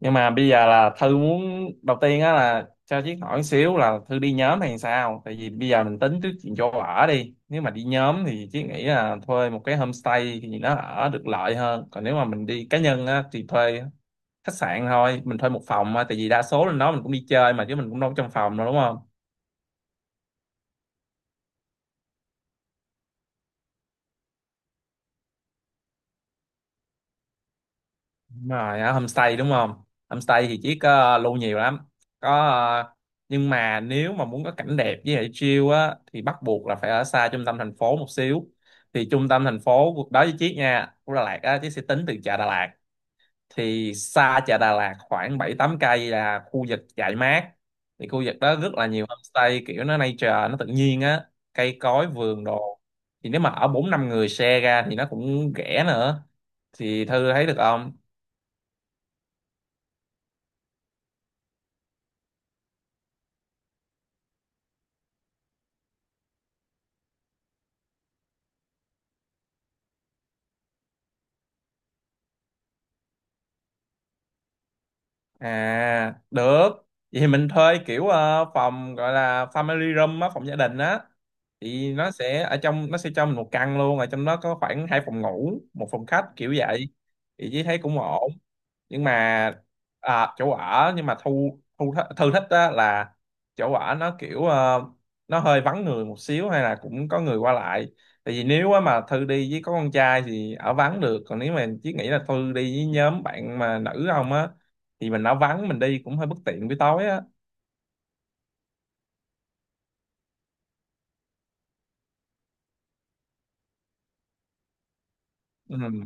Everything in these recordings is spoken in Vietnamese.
Nhưng mà bây giờ là Thư muốn, đầu tiên á, là cho Chiết hỏi xíu là Thư đi nhóm hay sao. Tại vì bây giờ mình tính trước chuyện chỗ ở đi, nếu mà đi nhóm thì Chiết nghĩ là thuê một cái homestay thì nó ở được lợi hơn, còn nếu mà mình đi cá nhân á thì thuê khách sạn thôi, mình thuê một phòng á. Tại vì đa số lên đó mình cũng đi chơi mà, chứ mình cũng đâu có trong phòng đâu, đúng không? Đúng rồi, ở homestay đúng không. Homestay thì chỉ có lưu nhiều lắm, có nhưng mà nếu mà muốn có cảnh đẹp với lại chill á thì bắt buộc là phải ở xa trung tâm thành phố một xíu. Thì trung tâm thành phố cuộc đó với Chiết nha, của Đà Lạt á, Chiết sẽ tính từ chợ Đà Lạt. Thì xa chợ Đà Lạt khoảng bảy tám cây là khu vực dại mát. Thì khu vực đó rất là nhiều homestay, kiểu nó nature, nó tự nhiên á, cây cối vườn đồ. Thì nếu mà ở bốn năm người share ra thì nó cũng rẻ nữa. Thì Thư thấy được không? À, được. Vậy thì mình thuê kiểu phòng gọi là family room á, phòng gia đình á. Thì nó sẽ, ở trong nó sẽ cho mình một căn luôn, ở trong đó có khoảng hai phòng ngủ, một phòng khách kiểu vậy. Thì chỉ thấy cũng ổn. Nhưng mà à, chỗ ở nhưng mà thu thu th- Thư thích á là chỗ ở nó kiểu nó hơi vắng người một xíu hay là cũng có người qua lại. Tại vì nếu á mà Thư đi với có con trai thì ở vắng được, còn nếu mà chỉ nghĩ là Thư đi với nhóm bạn mà nữ không á thì mình, nó vắng mình đi cũng hơi bất tiện buổi tối á. Ừ,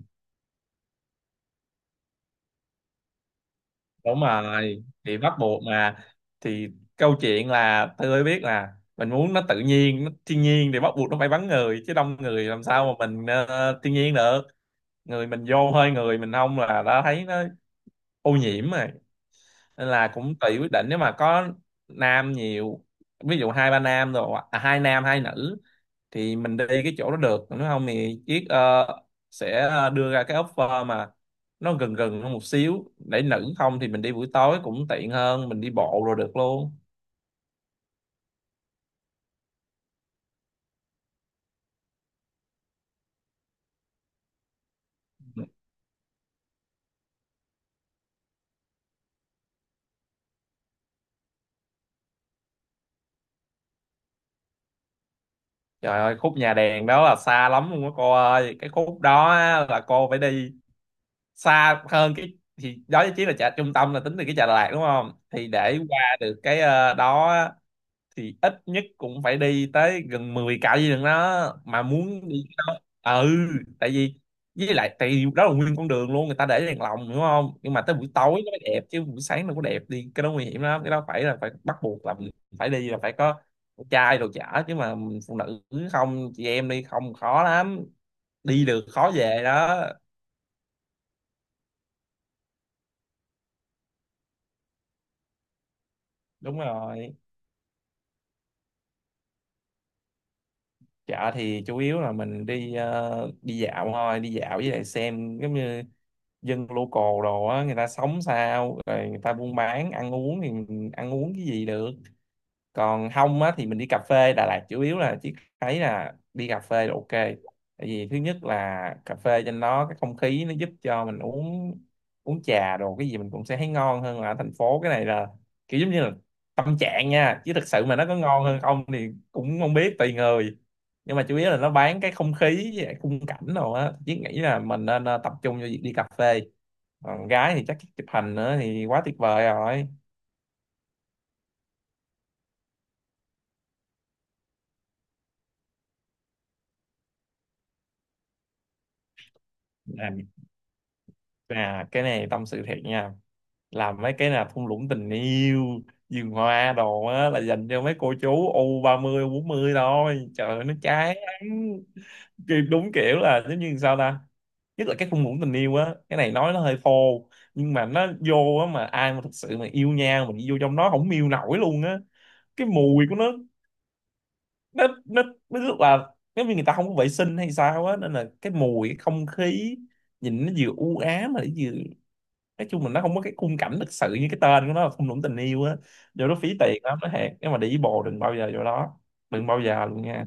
đúng rồi thì bắt buộc mà. Thì câu chuyện là tôi biết là mình muốn nó tự nhiên, nó thiên nhiên thì bắt buộc nó phải vắng người, chứ đông người làm sao mà mình thiên nhiên được. Người mình vô hơi, người mình không là đã thấy nó ô nhiễm rồi. Nên là cũng tùy quyết định, nếu mà có nam nhiều, ví dụ hai ba nam, rồi à, hai nam hai nữ, thì mình đi cái chỗ đó được. Nếu không thì Chiết sẽ đưa ra cái offer mà nó gần gần hơn một xíu, để nữ không thì mình đi buổi tối cũng tiện hơn, mình đi bộ rồi được luôn. Trời ơi, khúc nhà đèn đó là xa lắm luôn á cô ơi. Cái khúc đó á, là cô phải đi xa hơn, cái thì đó chỉ là chợ trung tâm, là tính từ cái Chợ Đà Lạt đúng không. Thì để qua được cái đó thì ít nhất cũng phải đi tới gần 10 cạo gì đường đó mà muốn đi cái đó. Ừ, tại vì, với lại tại vì đó là nguyên con đường luôn người ta để đèn lồng đúng không. Nhưng mà tới buổi tối nó mới đẹp chứ buổi sáng nó có đẹp. Đi cái đó nguy hiểm lắm, cái đó phải là, phải bắt buộc là mình phải đi là phải có trai đồ chả, chứ mà phụ nữ không, chị em đi không khó lắm, đi được khó về đó. Đúng rồi, chợ thì chủ yếu là mình đi đi dạo thôi, đi dạo với lại xem giống như dân local đồ á, người ta sống sao rồi người ta buôn bán ăn uống thì mình ăn uống cái gì được. Còn không á thì mình đi cà phê. Đà Lạt chủ yếu là chỉ thấy là đi cà phê là ok. Tại vì thứ nhất là cà phê trên đó, cái không khí nó giúp cho mình uống uống trà đồ cái gì mình cũng sẽ thấy ngon hơn là ở thành phố. Cái này là kiểu giống như là tâm trạng nha, chứ thực sự mà nó có ngon hơn không thì cũng không biết, tùy người. Nhưng mà chủ yếu là nó bán cái không khí với lại khung cảnh đồ á, chứ nghĩ là mình nên tập trung cho việc đi cà phê. Còn gái thì chắc chụp hình nữa thì quá tuyệt vời rồi. À, à, cái này tâm sự thiệt nha. Làm mấy cái là thung lũng tình yêu, vườn hoa đồ á là dành cho mấy cô chú u 30 u 40 thôi, trời ơi, nó chán lắm. Đúng kiểu là giống như sao ta. Nhất là cái thung lũng tình yêu á, cái này nói nó hơi thô, nhưng mà nó vô á mà ai mà thực sự mà yêu nhau mình đi vô trong nó không miêu nổi luôn á. Cái mùi của nó nó rất là giống như người ta không có vệ sinh hay sao á, nên là cái mùi, cái không khí nhìn nó vừa u ám mà nó vừa, nói chung là nó không có cái khung cảnh thực sự như cái tên của nó là thung lũng tình yêu á. Vô đó phí tiền lắm, nó hẹn, nếu mà đi với bồ đừng bao giờ vô đó, đừng bao giờ luôn nha.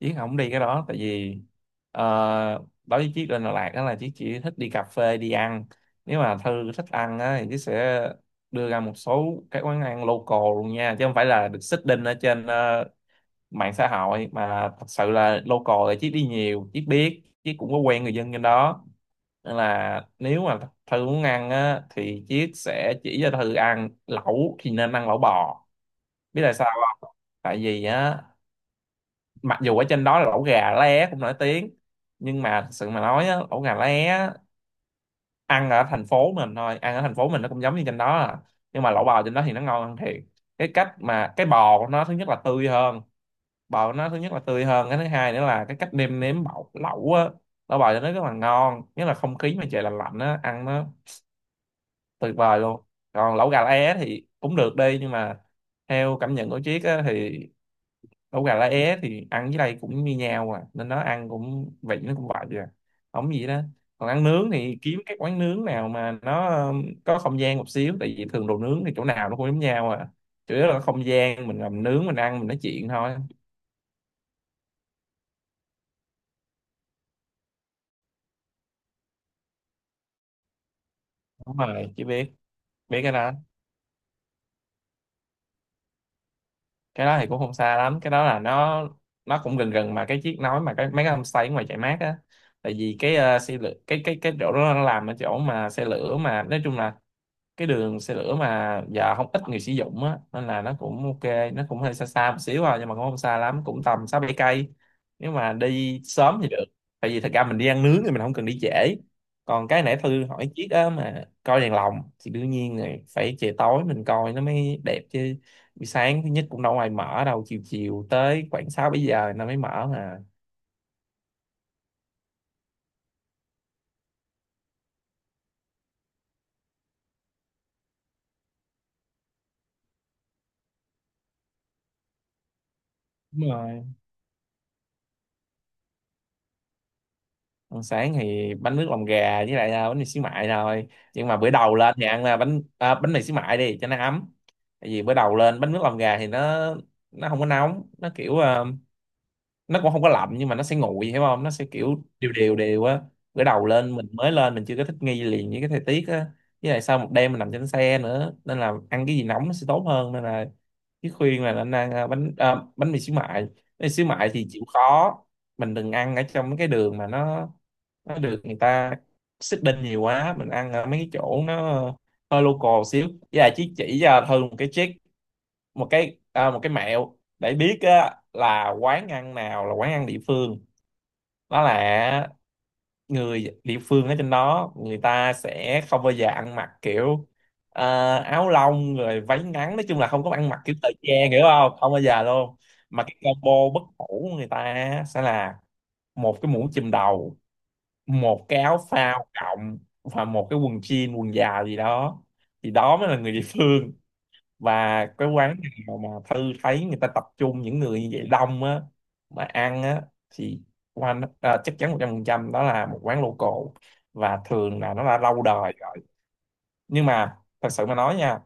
Chứ không đi cái đó tại vì ờ, đối với Chiết, lên Đà Lạt đó là Chiết chỉ thích đi cà phê, đi ăn. Nếu mà Thư thích ăn á thì Chiết sẽ đưa ra một số cái quán ăn local luôn nha, chứ không phải là được xích đinh ở trên mạng xã hội. Mà thật sự là local, là Chiết đi nhiều Chiết biết, Chiết cũng có quen người dân trên đó. Nên là nếu mà Thư muốn ăn á thì Chiết sẽ chỉ cho Thư ăn lẩu, thì nên ăn lẩu bò. Biết tại sao không? Tại vì á, mặc dù ở trên đó là lẩu gà lá é cũng nổi tiếng, nhưng mà thật sự mà nói á, lẩu gà lá é á, ăn ở thành phố mình thôi, ăn ở thành phố mình nó cũng giống như trên đó à. Nhưng mà lẩu bò trên đó thì nó ngon hơn thiệt. Cái cách mà cái bò của nó, thứ nhất là tươi hơn, bò của nó thứ nhất là tươi hơn. Cái thứ hai nữa là cái cách nêm nếm bọc lẩu á, lẩu bò cho nó rất là ngon. Nhất là không khí mà trời lạnh lạnh á, ăn nó tuyệt vời luôn. Còn lẩu gà lá é thì cũng được đi, nhưng mà theo cảm nhận của Triết á, thì lẩu gà lá é thì ăn với đây cũng như nhau à, nên nó ăn cũng vị, nó cũng vậy à, không gì đó. Còn ăn nướng thì kiếm cái quán nướng nào mà nó có không gian một xíu, tại vì thường đồ nướng thì chỗ nào nó cũng giống nhau à, chủ yếu là không gian mình làm nướng mình ăn mình nói chuyện thôi. Đúng rồi, chỉ biết biết cái đó. Cái đó thì cũng không xa lắm, cái đó là nó cũng gần gần, mà cái chiếc nói mà cái mấy cái homestay ngoài chạy mát á. Tại vì cái xe lửa, cái cái chỗ đó nó làm ở chỗ mà xe lửa, mà nói chung là cái đường xe lửa mà giờ không ít người sử dụng á nên là nó cũng ok, nó cũng hơi xa xa một xíu à, nhưng mà cũng không xa lắm, cũng tầm sáu bảy cây. Nếu mà đi sớm thì được, tại vì thật ra mình đi ăn nướng thì mình không cần đi trễ. Còn cái nãy Thư hỏi chiếc á mà coi đèn lồng thì đương nhiên rồi phải trời tối mình coi nó mới đẹp chứ, buổi sáng thứ nhất cũng đâu ai mở đâu, chiều chiều tới khoảng sáu bảy giờ nó mới mở mà. Đúng rồi. Ăn sáng thì bánh nước lòng gà với lại bánh mì xíu mại thôi. Nhưng mà bữa đầu lên thì ăn là bánh mì xíu mại đi cho nó ấm. Tại vì bữa đầu lên bánh nước lòng gà thì nó không có nóng, nó kiểu nó cũng không có lạnh, nhưng mà nó sẽ nguội, hiểu không, nó sẽ kiểu đều đều đều á. Bữa đầu lên mình mới lên mình chưa có thích nghi liền với cái thời tiết á, với lại sau một đêm mình nằm trên xe nữa, nên là ăn cái gì nóng nó sẽ tốt hơn nên là cái khuyên là nên ăn bánh mì xíu mại. Bánh mì xíu mại thì chịu khó mình đừng ăn ở trong cái đường mà nó được người ta xích nhiều quá, mình ăn ở mấy cái chỗ nó hơi local xíu. Với lại chỉ cho Thư một cái trick, một cái mẹo để biết á, là quán ăn nào là quán ăn địa phương. Đó là người địa phương ở trên đó người ta sẽ không bao giờ ăn mặc kiểu áo lông rồi váy ngắn, nói chung là không có ăn mặc kiểu thời trang, hiểu không, không bao giờ luôn. Mà cái combo bất hủ của người ta á sẽ là một cái mũ chùm đầu, một cái áo phao cộng và một cái quần jean quần dài gì đó, thì đó mới là người địa phương. Và cái quán nào mà Thư thấy người ta tập trung những người như vậy đông á mà ăn á thì chắc chắn 100% đó là một quán local, và thường là nó đã lâu đời rồi. Nhưng mà thật sự mà nói nha,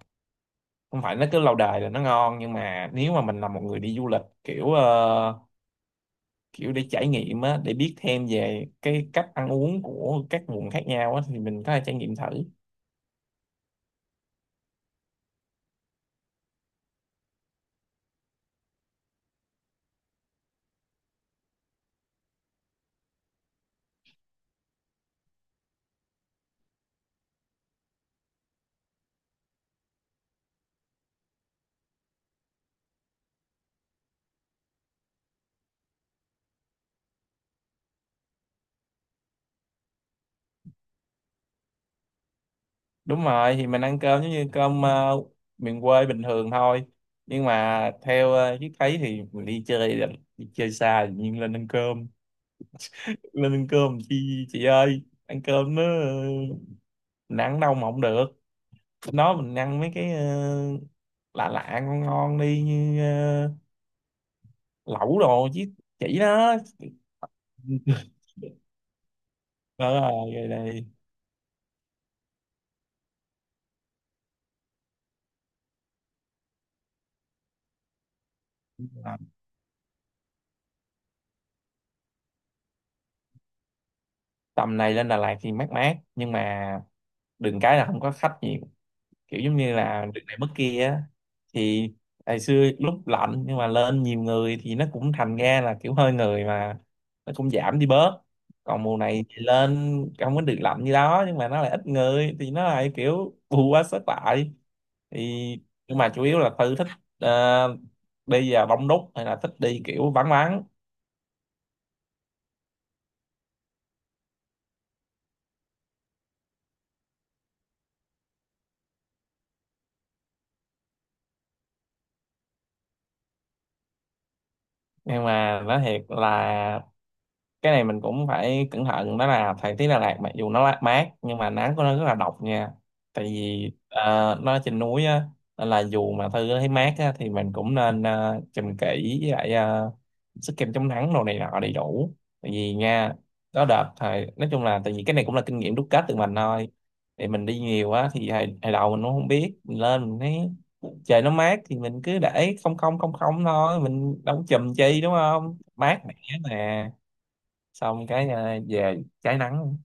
không phải nó cứ lâu đời là nó ngon, nhưng mà nếu mà mình là một người đi du lịch kiểu kiểu để trải nghiệm á, để biết thêm về cái cách ăn uống của các vùng khác nhau á, thì mình có thể trải nghiệm thử. Đúng rồi, thì mình ăn cơm giống như cơm miền quê bình thường thôi. Nhưng mà theo Chiếc thấy thì mình đi chơi xa thì nhiên lên ăn cơm. Lên ăn cơm chi chị ơi, ăn cơm nó mình ăn đâu mà không được. Nó mình ăn mấy cái lạ lạ ngon ngon đi, như lẩu đồ chứ, chỉ đó. Ờ, rồi rồi đây. Tầm này lên Đà Lạt thì mát mát, nhưng mà đừng cái là không có khách nhiều, kiểu giống như là đường này mất kia á. Thì ngày xưa lúc lạnh nhưng mà lên nhiều người thì nó cũng thành ra là kiểu hơi người mà nó cũng giảm đi bớt. Còn mùa này thì lên không có được lạnh như đó, nhưng mà nó lại ít người thì nó lại kiểu bù quá sức lại. Thì nhưng mà chủ yếu là Tư thích ờ, đi vào đông đúc hay là thích đi kiểu vắng vắng. Nhưng mà nói thiệt là cái này mình cũng phải cẩn thận, đó là thời tiết Đà Lạt mặc dù nó mát mát, nhưng mà nắng của nó rất là độc nha. Tại vì nó trên núi á, nên là dù mà Thư thấy mát á, thì mình cũng nên chùm kỹ, với lại sức kem chống nắng đồ này nọ đầy đủ. Tại vì nha, có đợt thời nói chung là tại vì cái này cũng là kinh nghiệm đúc kết từ mình thôi. Thì mình đi nhiều á thì hồi đầu mình cũng không biết, mình lên mình thấy trời nó mát thì mình cứ để không không không không thôi, mình đâu có chùm chi đúng không, mát mẻ mà. Xong cái về cháy nắng.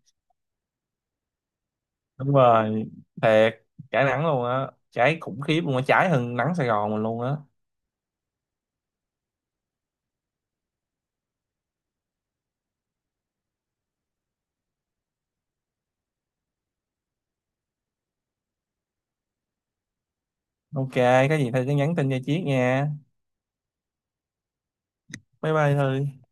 Đúng rồi, thiệt, cháy nắng luôn á, cháy khủng khiếp luôn á, cháy hơn nắng Sài Gòn mình luôn á. Ok, có gì thôi cứ nhắn tin cho Chiết nha. Bye bye Thư.